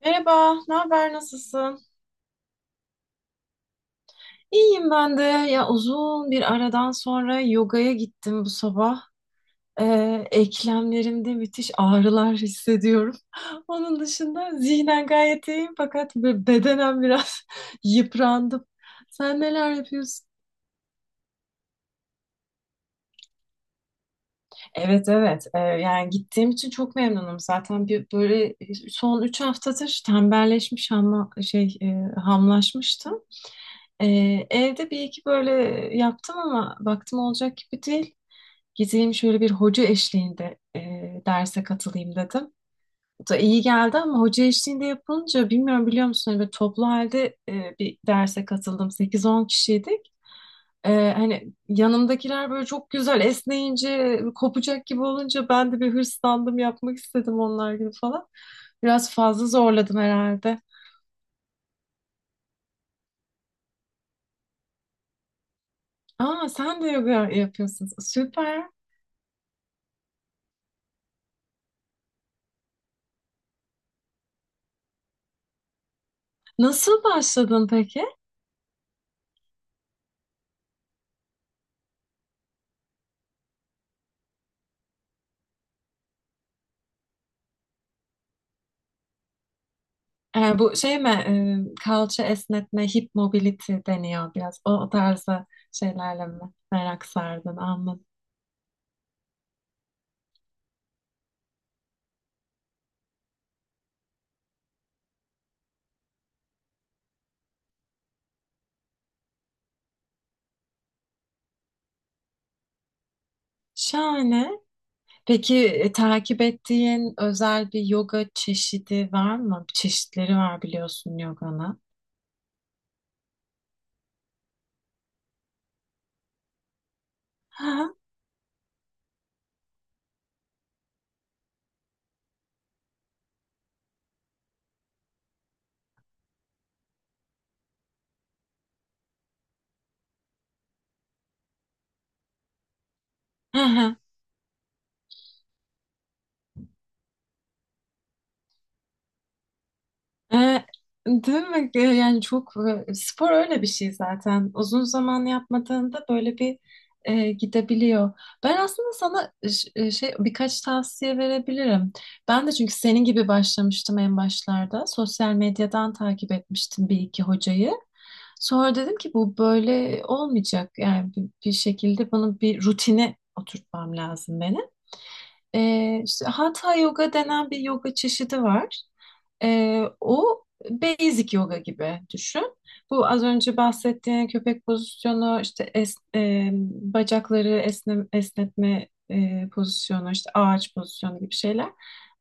Merhaba, ne haber, nasılsın? İyiyim ben de. Ya uzun bir aradan sonra yogaya gittim bu sabah. Eklemlerimde müthiş ağrılar hissediyorum. Onun dışında zihnen gayet iyiyim fakat bedenen biraz yıprandım. Sen neler yapıyorsun? Evet, evet. Yani gittiğim için çok memnunum. Zaten bir böyle son 3 haftadır tembelleşmiş ama hamlaşmıştım. Evde bir iki böyle yaptım ama baktım olacak gibi değil. Gideyim şöyle bir hoca eşliğinde derse katılayım dedim. Bu da iyi geldi ama hoca eşliğinde yapılınca bilmiyorum biliyor musun hani böyle toplu halde bir derse katıldım. Sekiz on kişiydik. Hani yanımdakiler böyle çok güzel esneyince kopacak gibi olunca ben de bir hırslandım yapmak istedim onlar gibi falan. Biraz fazla zorladım herhalde. Aa, sen de yoga yapıyorsun. Süper. Nasıl başladın peki? Bu şey mi? Kalça esnetme, hip mobility deniyor biraz. O tarzı şeylerle mi merak sardın? Anladım. Şahane. Peki takip ettiğin özel bir yoga çeşidi var mı? Çeşitleri var biliyorsun yoganın. Hı hı. Hı hı. E, değil mi? Yani çok spor öyle bir şey zaten. Uzun zaman yapmadığında böyle bir gidebiliyor. Ben aslında sana birkaç tavsiye verebilirim. Ben de çünkü senin gibi başlamıştım en başlarda. Sosyal medyadan takip etmiştim bir iki hocayı. Sonra dedim ki bu böyle olmayacak. Yani bir şekilde bunun bir rutine oturtmam lazım benim. İşte Hatha yoga denen bir yoga çeşidi var. O basic yoga gibi düşün. Bu az önce bahsettiğin köpek pozisyonu, işte bacakları esnetme pozisyonu, işte ağaç pozisyonu gibi şeyler.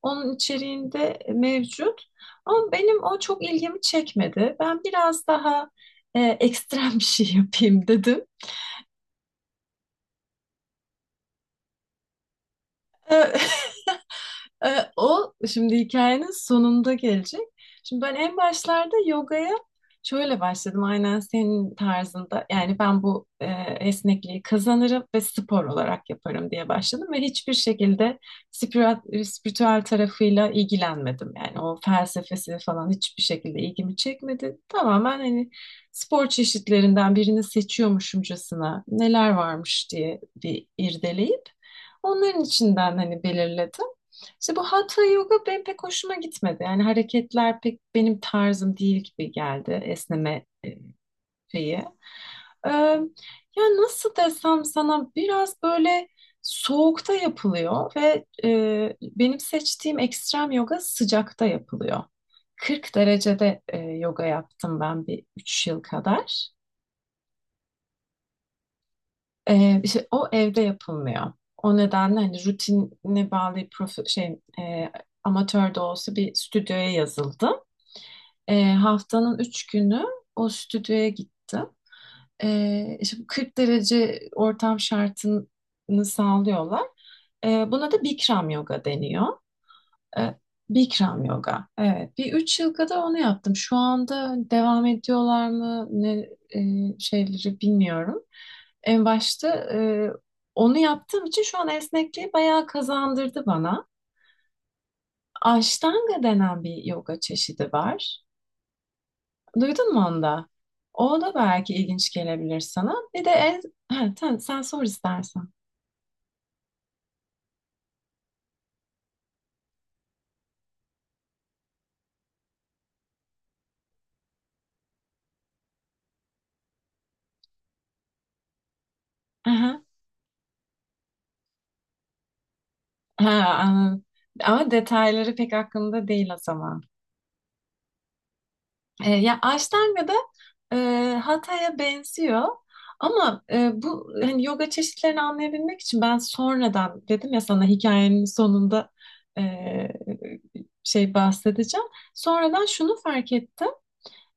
Onun içeriğinde mevcut. Ama benim o çok ilgimi çekmedi. Ben biraz daha ekstrem bir şey yapayım dedim. E, O şimdi hikayenin sonunda gelecek. Şimdi ben en başlarda yogaya şöyle başladım. Aynen senin tarzında. Yani ben bu esnekliği kazanırım ve spor olarak yaparım diye başladım ve hiçbir şekilde spiritüel tarafıyla ilgilenmedim. Yani o felsefesi falan hiçbir şekilde ilgimi çekmedi. Tamamen hani spor çeşitlerinden birini seçiyormuşumcasına neler varmış diye bir irdeleyip onların içinden hani belirledim. İşte bu hatha yoga benim pek hoşuma gitmedi. Yani hareketler pek benim tarzım değil gibi geldi esneme şeyi. Ee, Ya nasıl desem sana biraz böyle soğukta yapılıyor ve benim seçtiğim ekstrem yoga sıcakta yapılıyor. 40 derecede yoga yaptım ben bir 3 yıl kadar. İşte o evde yapılmıyor. O nedenle hani rutinine bağlı amatör de olsa bir stüdyoya yazıldım. E, haftanın 3 günü o stüdyoya gittim. İşte bu 40 derece ortam şartını sağlıyorlar. Buna da Bikram yoga deniyor. E, Bikram yoga. Evet, bir 3 yıl kadar onu yaptım. Şu anda devam ediyorlar mı ne e, şeyleri bilmiyorum. En başta onu yaptığım için şu an esnekliği bayağı kazandırdı bana. Ashtanga denen bir yoga çeşidi var. Duydun mu onu da? O da belki ilginç gelebilir sana. Bir de en... Ha, sen sor istersen. Aha. Ha, anladım. Ama detayları pek aklımda değil o zaman. Ya Ashtanga'da e, Hatha'ya benziyor. Ama bu hani yoga çeşitlerini anlayabilmek için ben sonradan dedim ya sana hikayenin sonunda e, bahsedeceğim. Sonradan şunu fark ettim.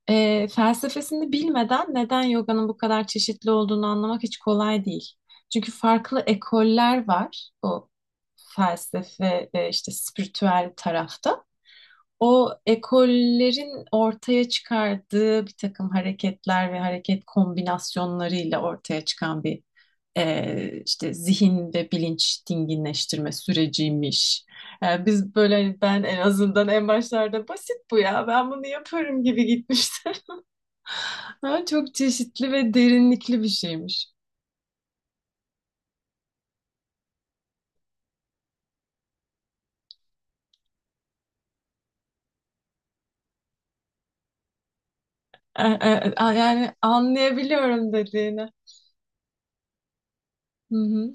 Felsefesini bilmeden neden yoganın bu kadar çeşitli olduğunu anlamak hiç kolay değil. Çünkü farklı ekoller var o felsefe ve işte spiritüel tarafta. O ekollerin ortaya çıkardığı bir takım hareketler ve hareket kombinasyonlarıyla ortaya çıkan bir işte zihin ve bilinç dinginleştirme süreciymiş. Biz böyle hani ben en azından en başlarda basit bu ya ben bunu yaparım gibi gitmiştim. Ha, çok çeşitli ve derinlikli bir şeymiş. Yani anlayabiliyorum dediğini. Hı hı.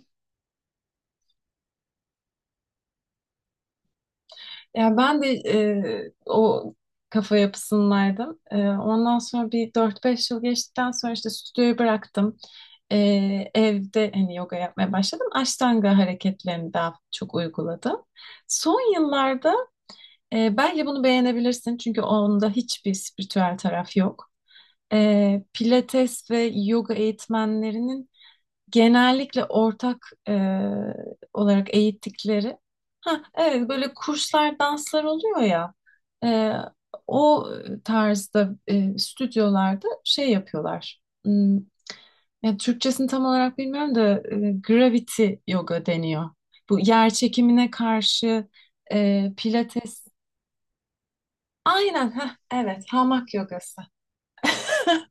Ya ben de o kafa yapısındaydım. Ondan sonra bir 4-5 yıl geçtikten sonra işte stüdyoyu bıraktım. Evde hani yoga yapmaya başladım. Ashtanga hareketlerini daha çok uyguladım. Son yıllarda belki bunu beğenebilirsin çünkü onda hiçbir spiritüel taraf yok. Pilates ve yoga eğitmenlerinin genellikle ortak olarak eğittikleri ha evet böyle kurslar danslar oluyor ya e, o tarzda stüdyolarda şey yapıyorlar. Hmm, yani Türkçesini tam olarak bilmiyorum da gravity yoga deniyor. Bu yer çekimine karşı pilates. Aynen, heh, evet, hamak yogası.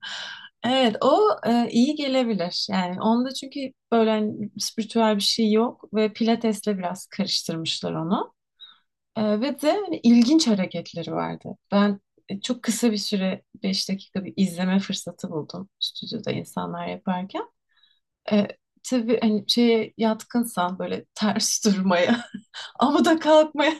Evet, o iyi gelebilir. Yani onda çünkü böyle hani spiritüel bir şey yok ve pilatesle biraz karıştırmışlar onu. Ve de hani ilginç hareketleri vardı. Ben çok kısa bir süre, 5 dakika bir izleme fırsatı buldum stüdyoda insanlar yaparken. E, tabii hani şeye yatkınsan böyle ters durmaya, amuda kalkmaya.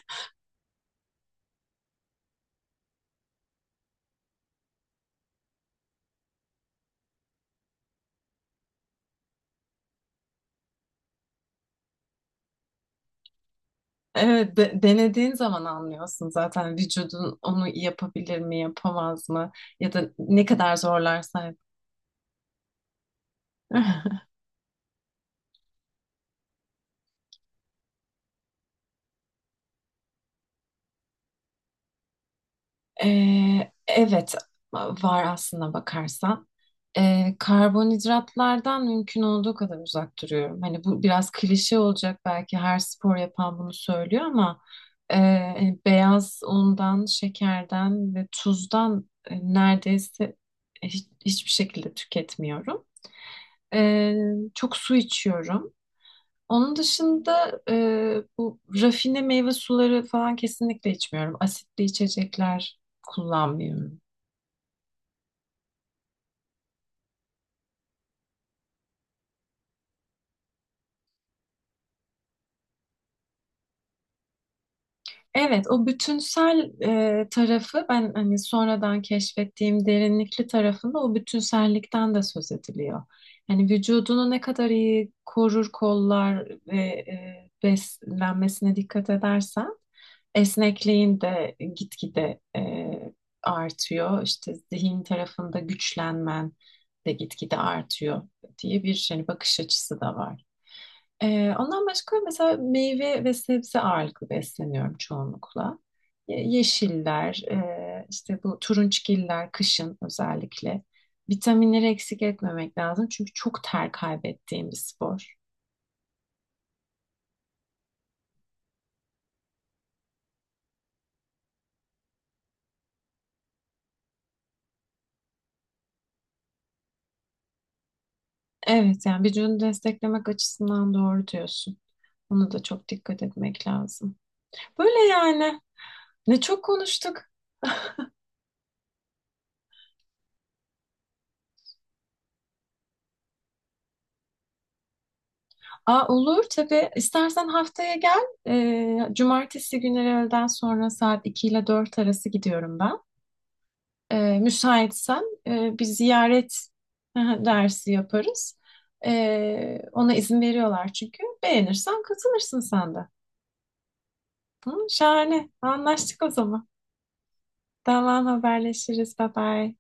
Evet, denediğin zaman anlıyorsun zaten vücudun onu yapabilir mi, yapamaz mı ya da ne kadar zorlarsa. Evet, var aslına bakarsan. Karbonhidratlardan mümkün olduğu kadar uzak duruyorum. Hani bu biraz klişe olacak belki her spor yapan bunu söylüyor ama hani beyaz undan, şekerden ve tuzdan neredeyse hiçbir şekilde tüketmiyorum. Ee, Çok su içiyorum. Onun dışında bu rafine meyve suları falan kesinlikle içmiyorum. Asitli içecekler kullanmıyorum. Evet, o bütünsel tarafı ben hani sonradan keşfettiğim derinlikli tarafında o bütünsellikten de söz ediliyor. Yani vücudunu ne kadar iyi korur, kollar ve beslenmesine dikkat edersen esnekliğin de gitgide artıyor. İşte zihin tarafında güçlenmen de gitgide artıyor diye bir hani bakış açısı da var. Ondan başka mesela meyve ve sebze ağırlıklı besleniyorum çoğunlukla. Yeşiller, işte bu turunçgiller kışın özellikle. Vitaminleri eksik etmemek lazım çünkü çok ter kaybettiğim bir spor. Evet, yani vücudunu desteklemek açısından doğru diyorsun. Ona da çok dikkat etmek lazım. Böyle yani. Ne çok konuştuk. Aa, olur tabii. İstersen haftaya gel. Cumartesi günleri öğleden sonra saat 2 ile 4 arası gidiyorum ben. E, Müsaitsen bir ziyaret dersi yaparız. Ona izin veriyorlar çünkü. Beğenirsen katılırsın sen de. Hı, şahane. Anlaştık o zaman. Tamam, haberleşiriz. Bye bye.